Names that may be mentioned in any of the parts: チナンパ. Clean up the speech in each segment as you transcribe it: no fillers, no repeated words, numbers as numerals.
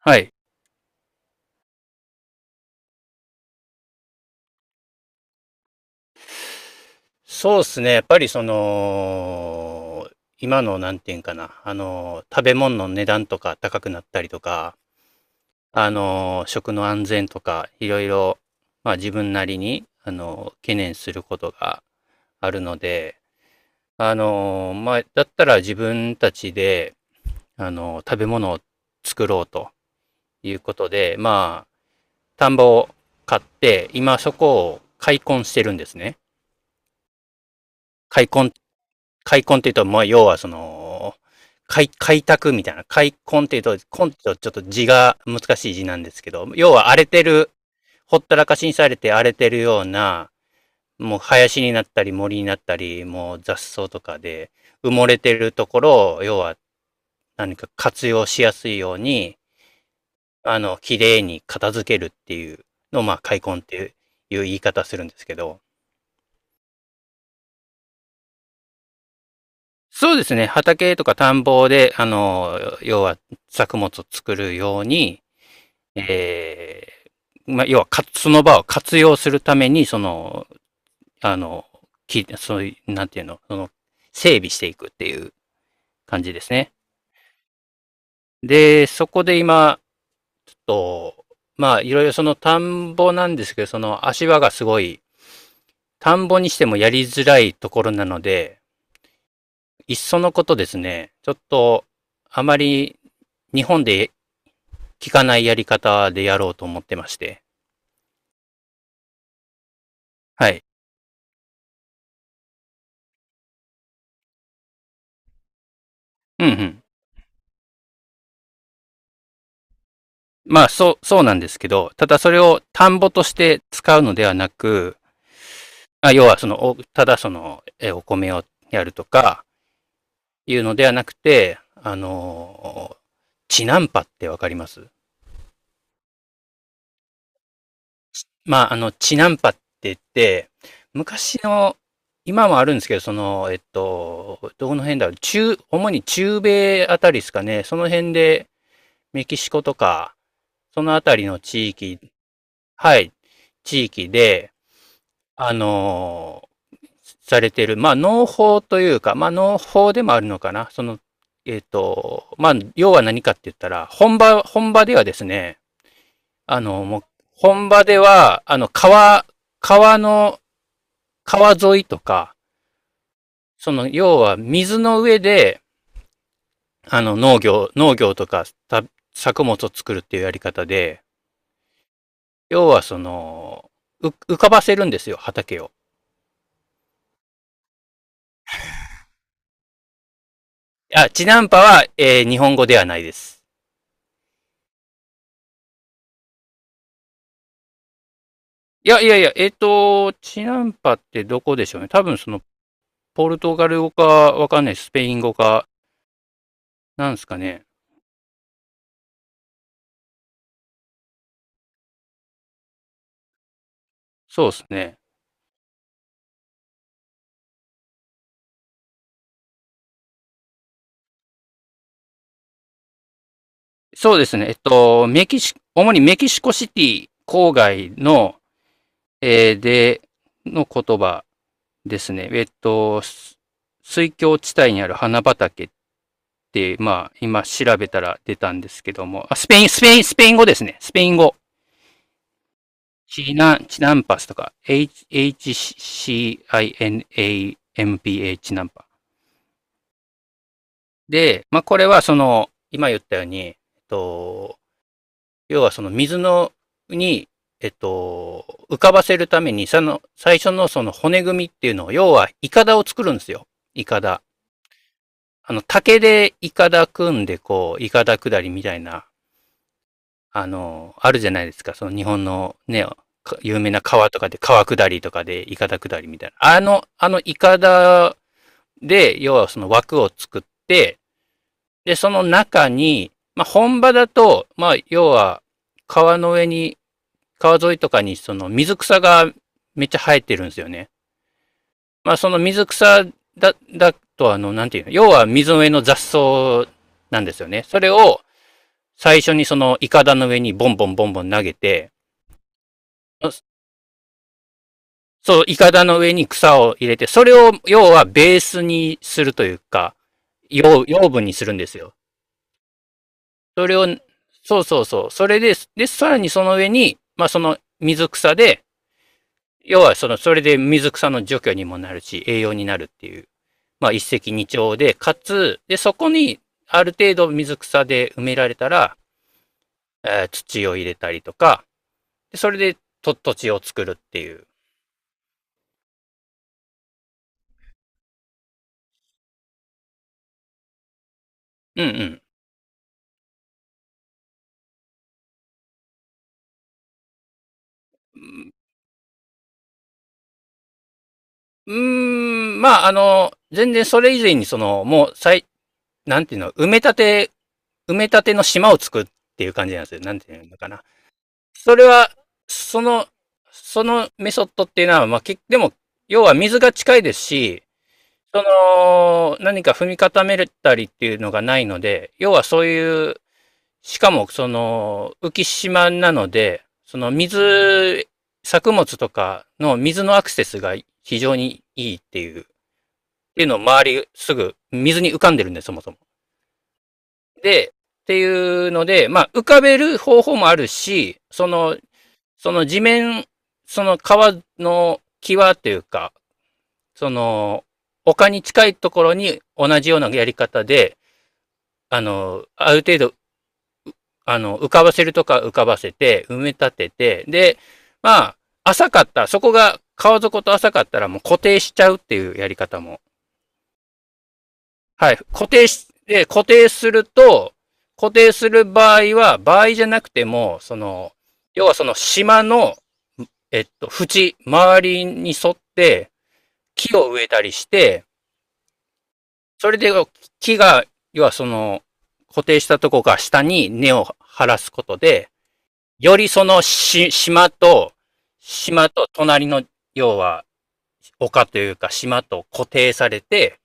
はい。そうですね。やっぱり今のなんていうんかな、食べ物の値段とか高くなったりとか、食の安全とか、いろいろ、まあ自分なりに、懸念することがあるので、まあ、だったら自分たちで、食べ物を作ろうということで、まあ、田んぼを買って、今そこを開墾してるんですね。開墾っ開墾っていうと、まあ、要はその、開拓みたいな。開墾っていうと、墾っていうとちょっと字が難しい字なんですけど、要は荒れてる、ほったらかしにされて荒れてるような、もう林になったり森になったり、もう雑草とかで埋もれてるところを、要は何か活用しやすいように、綺麗に片付けるっていうのを、まあ、開墾っていう言い方するんですけど、そうですね。畑とか田んぼで、要は作物を作るように、えまあ、要はその場を活用するために、その、あの、そういう、なんていうの、その、整備していくっていう感じですね。で、そこで今、ちょっと、まあ、いろいろその田んぼなんですけど、その足場がすごい、田んぼにしてもやりづらいところなので、いっそのことですね、ちょっと、あまり日本で効かないやり方でやろうと思ってまして。はい。うんうん。まあ、そう、そうなんですけど、ただそれを田んぼとして使うのではなく、まあ要はただお米をやるとか、いうのではなくて、チナンパってわかります？まあ、チナンパって言って、昔の、今もあるんですけど、その、どこの辺だろう、主に中米あたりですかね、その辺でメキシコとか、そのあたりの地域、はい、地域で、あのーされてる、まあ、農法というか、まあ、農法でもあるのかな。その、えっ、ーと、まあ、要は何かって言ったら、本場ではですね、もう、本場では、川の、川沿いとか、その、要は水の上で、農業とか、作物を作るっていうやり方で、要はその、浮かばせるんですよ、畑を。あ、チナンパは、日本語ではないです。いやいやいや、えっ、ーと、チナンパってどこでしょうね。多分その、ポルトガル語かわかんない、スペイン語か、なんですかね。そうですね。そうですね。メキシ、主にメキシコシティ郊外の、で、の言葉ですね。水郷地帯にある花畑って、まあ、今調べたら出たんですけども、あ、スペイン語ですね。スペイン語。チナンパスとか、H- HCINAMPA チシナンパチナンパ。で、まあ、これはその、今言ったように、と、要はそのに、えっと、浮かばせるために、その、最初のその骨組みっていうのを、要は、イカダを作るんですよ。イカダ。竹でイカダ組んで、こう、イカダ下りみたいなあるじゃないですか。その日本のね、有名な川とかで、川下りとかで、イカダ下りみたいな。あのイカダで、要はその枠を作って、で、その中に、まあ、本場だと、まあ、要は、川の上に、川沿いとかに、その水草がめっちゃ生えてるんですよね。まあ、その水草だと、なんていうの、要は水の上の雑草なんですよね。それを、最初にそのイカダの上にボンボンボンボン投げて、そう、イカダの上に草を入れて、それを要はベースにするというか、養分にするんですよ。それを、そうそうそう。それで、さらにその上に、まあその水草で、要はその、それで水草の除去にもなるし、栄養になるっていう、まあ一石二鳥で、かつ、で、そこにある程度水草で埋められたら、土を入れたりとか、でそれでと土地を作るっていう。うんうん。うーん、まあ、全然それ以前にその、もう、なんていうの、埋め立ての島を作っていう感じなんですよ。なんていうのかな。それは、その、そのメソッドっていうのは、まあ、でも、要は水が近いですし、その、何か踏み固めたりっていうのがないので、要はそういう、しかも、その、浮島なので、その水、作物とかの水のアクセスが非常にいいっていうのを周りすぐ水に浮かんでるんで、そもそも。で、っていうので、まあ、浮かべる方法もあるし、その、その地面、その川の際というか、その、丘に近いところに同じようなやり方で、ある程度、浮かばせるとか浮かばせて、埋め立てて、で、まあ、浅かった、そこが川底と浅かったらもう固定しちゃうっていうやり方も。はい。固定し、で、固定すると、固定する場合は、場合じゃなくても、その、要はその島の、周りに沿って木を植えたりして、それで木が、要はその、固定したとこが下に根を張らすことで、よりその島と、隣の、要は、丘というか島と固定されて、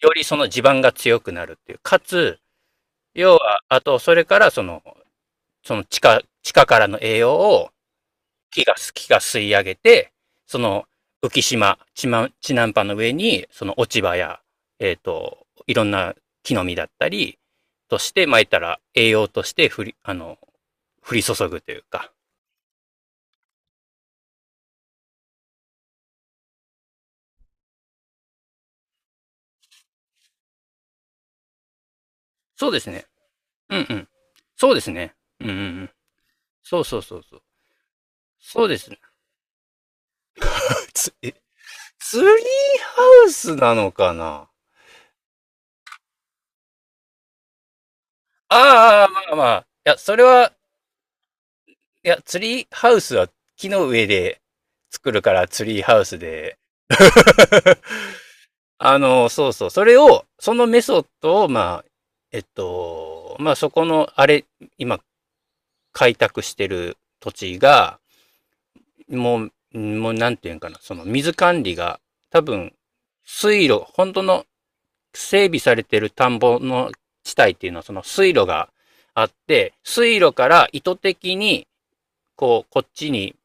よりその地盤が強くなるっていう。かつ、要は、あと、それから、その、その地下、地下からの栄養を木が吸い上げて、その浮島、地南波の上に、その落ち葉や、いろんな木の実だったり、として、まあ、言ったら栄養として降り注ぐというか。そうですね。うんうん。そうですね。うんうんうん。そうそうそうそう。そうですね。つえツリーハウスなのかな？ああ、まあまあ。いや、それは、いや、ツリーハウスは木の上で作るからツリーハウスで。そうそう。それを、そのメソッドを、まあ、まあそこの、あれ、今開拓してる土地が、もうなんていうんかな、その水管理が、多分、水路、本当の整備されてる田んぼの地帯っていうのは、その水路があって、水路から意図的に、こう、こっちに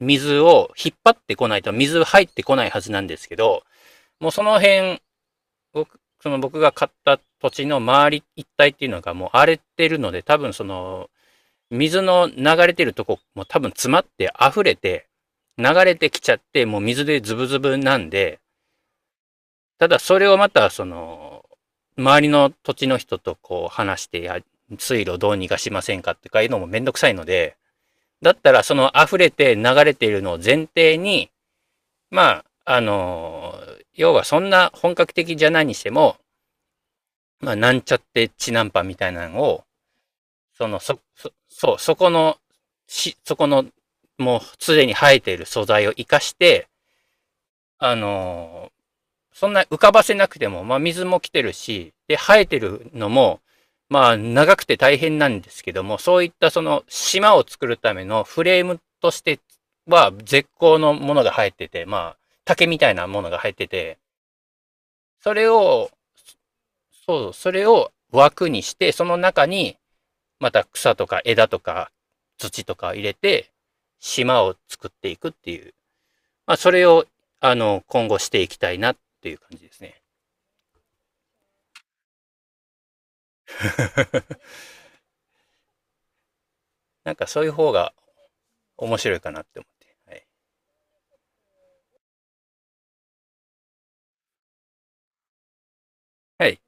水を引っ張ってこないと水入ってこないはずなんですけど、もうその辺、その僕が買った土地の周り一帯っていうのがもう荒れてるので、多分その、水の流れてるとこも多分詰まって溢れて、流れてきちゃって、もう水でズブズブなんで、ただそれをまたその、周りの土地の人とこう話して、水路どうにかしませんかっかいうのもめんどくさいので、だったらその溢れて流れているのを前提に、まあ、要はそんな本格的じゃないにしても、まあ、なんちゃってチナンパみたいなのを、その、そ、そ、そう、そこの、そこの、もうすでに生えている素材を活かして、あのーそんな浮かばせなくても、まあ、水も来てるし、で、生えてるのも、まあ、長くて大変なんですけども、そういったその島を作るためのフレームとしては絶好のものが生えてて、まあ、竹みたいなものが生えてて、それを、そう、それを枠にして、その中にまた草とか枝とか土とか入れて、島を作っていくっていう。まあ、それを、今後していきたいなっていう感じですね。なんかそういう方が面白いかなって思って。はい。はい。い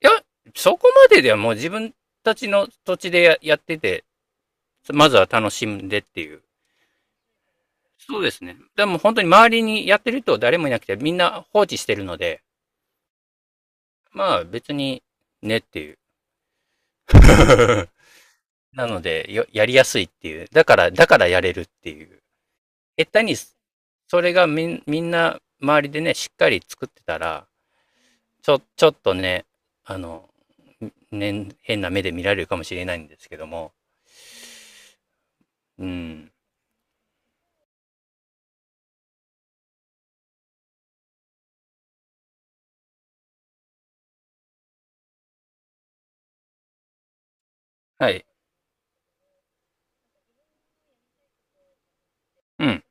や、そこまでではもう自分たちの土地でやってて、まずは楽しんでっていう。そうですね。でも本当に周りにやってる人誰もいなくて、みんな放置してるので、まあ別にねっていう。なのでやりやすいっていう。だからやれるっていう。下手に、それがみんな周りでね、しっかり作ってたら、ちょっとね、あの、ね、変な目で見られるかもしれないんですけども。うん。はい。うん。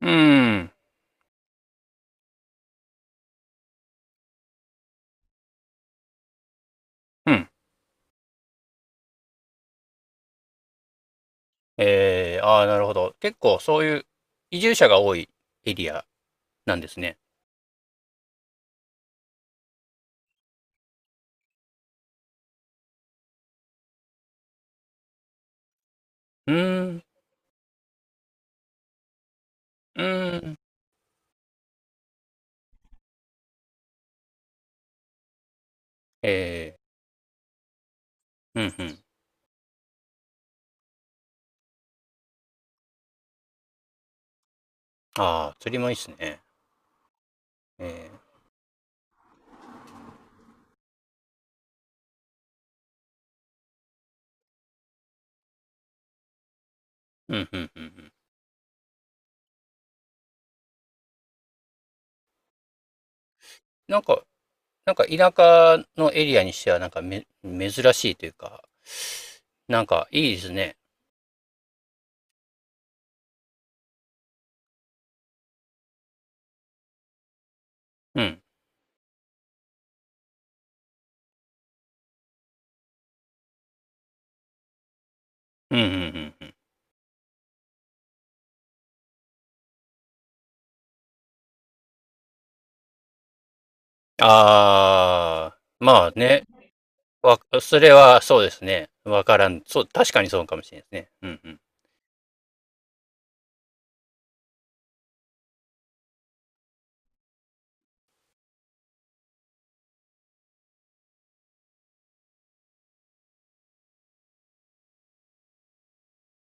うん。うん。ああ、なるほど。結構そういう移住者が多いエリアなんですね。うーん。うーん。えうん、うん。ああ、釣りもいいっすね。ええうん、うん、うん。うん。なんか、なんか田舎のエリアにしては、なんか珍しいというか、なんかいいですね。うん。うん、うん、うん。うんああ、まあね。それはそうですね。わからん。そう、確かにそうかもしれないですね。うん、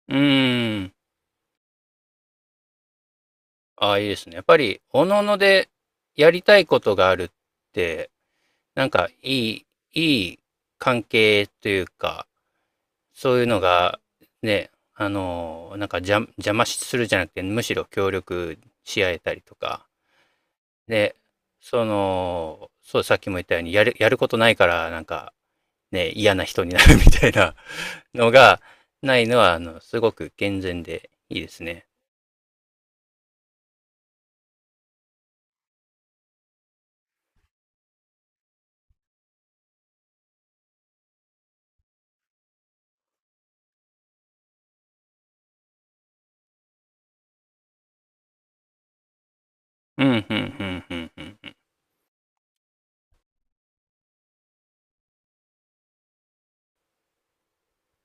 うん。うーん。ああ、いいですね。やっぱり、おのおのでやりたいことがあるって、なんかい、いい関係というか、そういうのが、ね、なんか邪魔するじゃなくて、むしろ協力し合えたりとか、で、そう、さっきも言ったように、やることないから、なんか、ね、嫌な人になるみたいな のが、ないのは、すごく健全でいいですね。うん、うん、うん、うん、うん。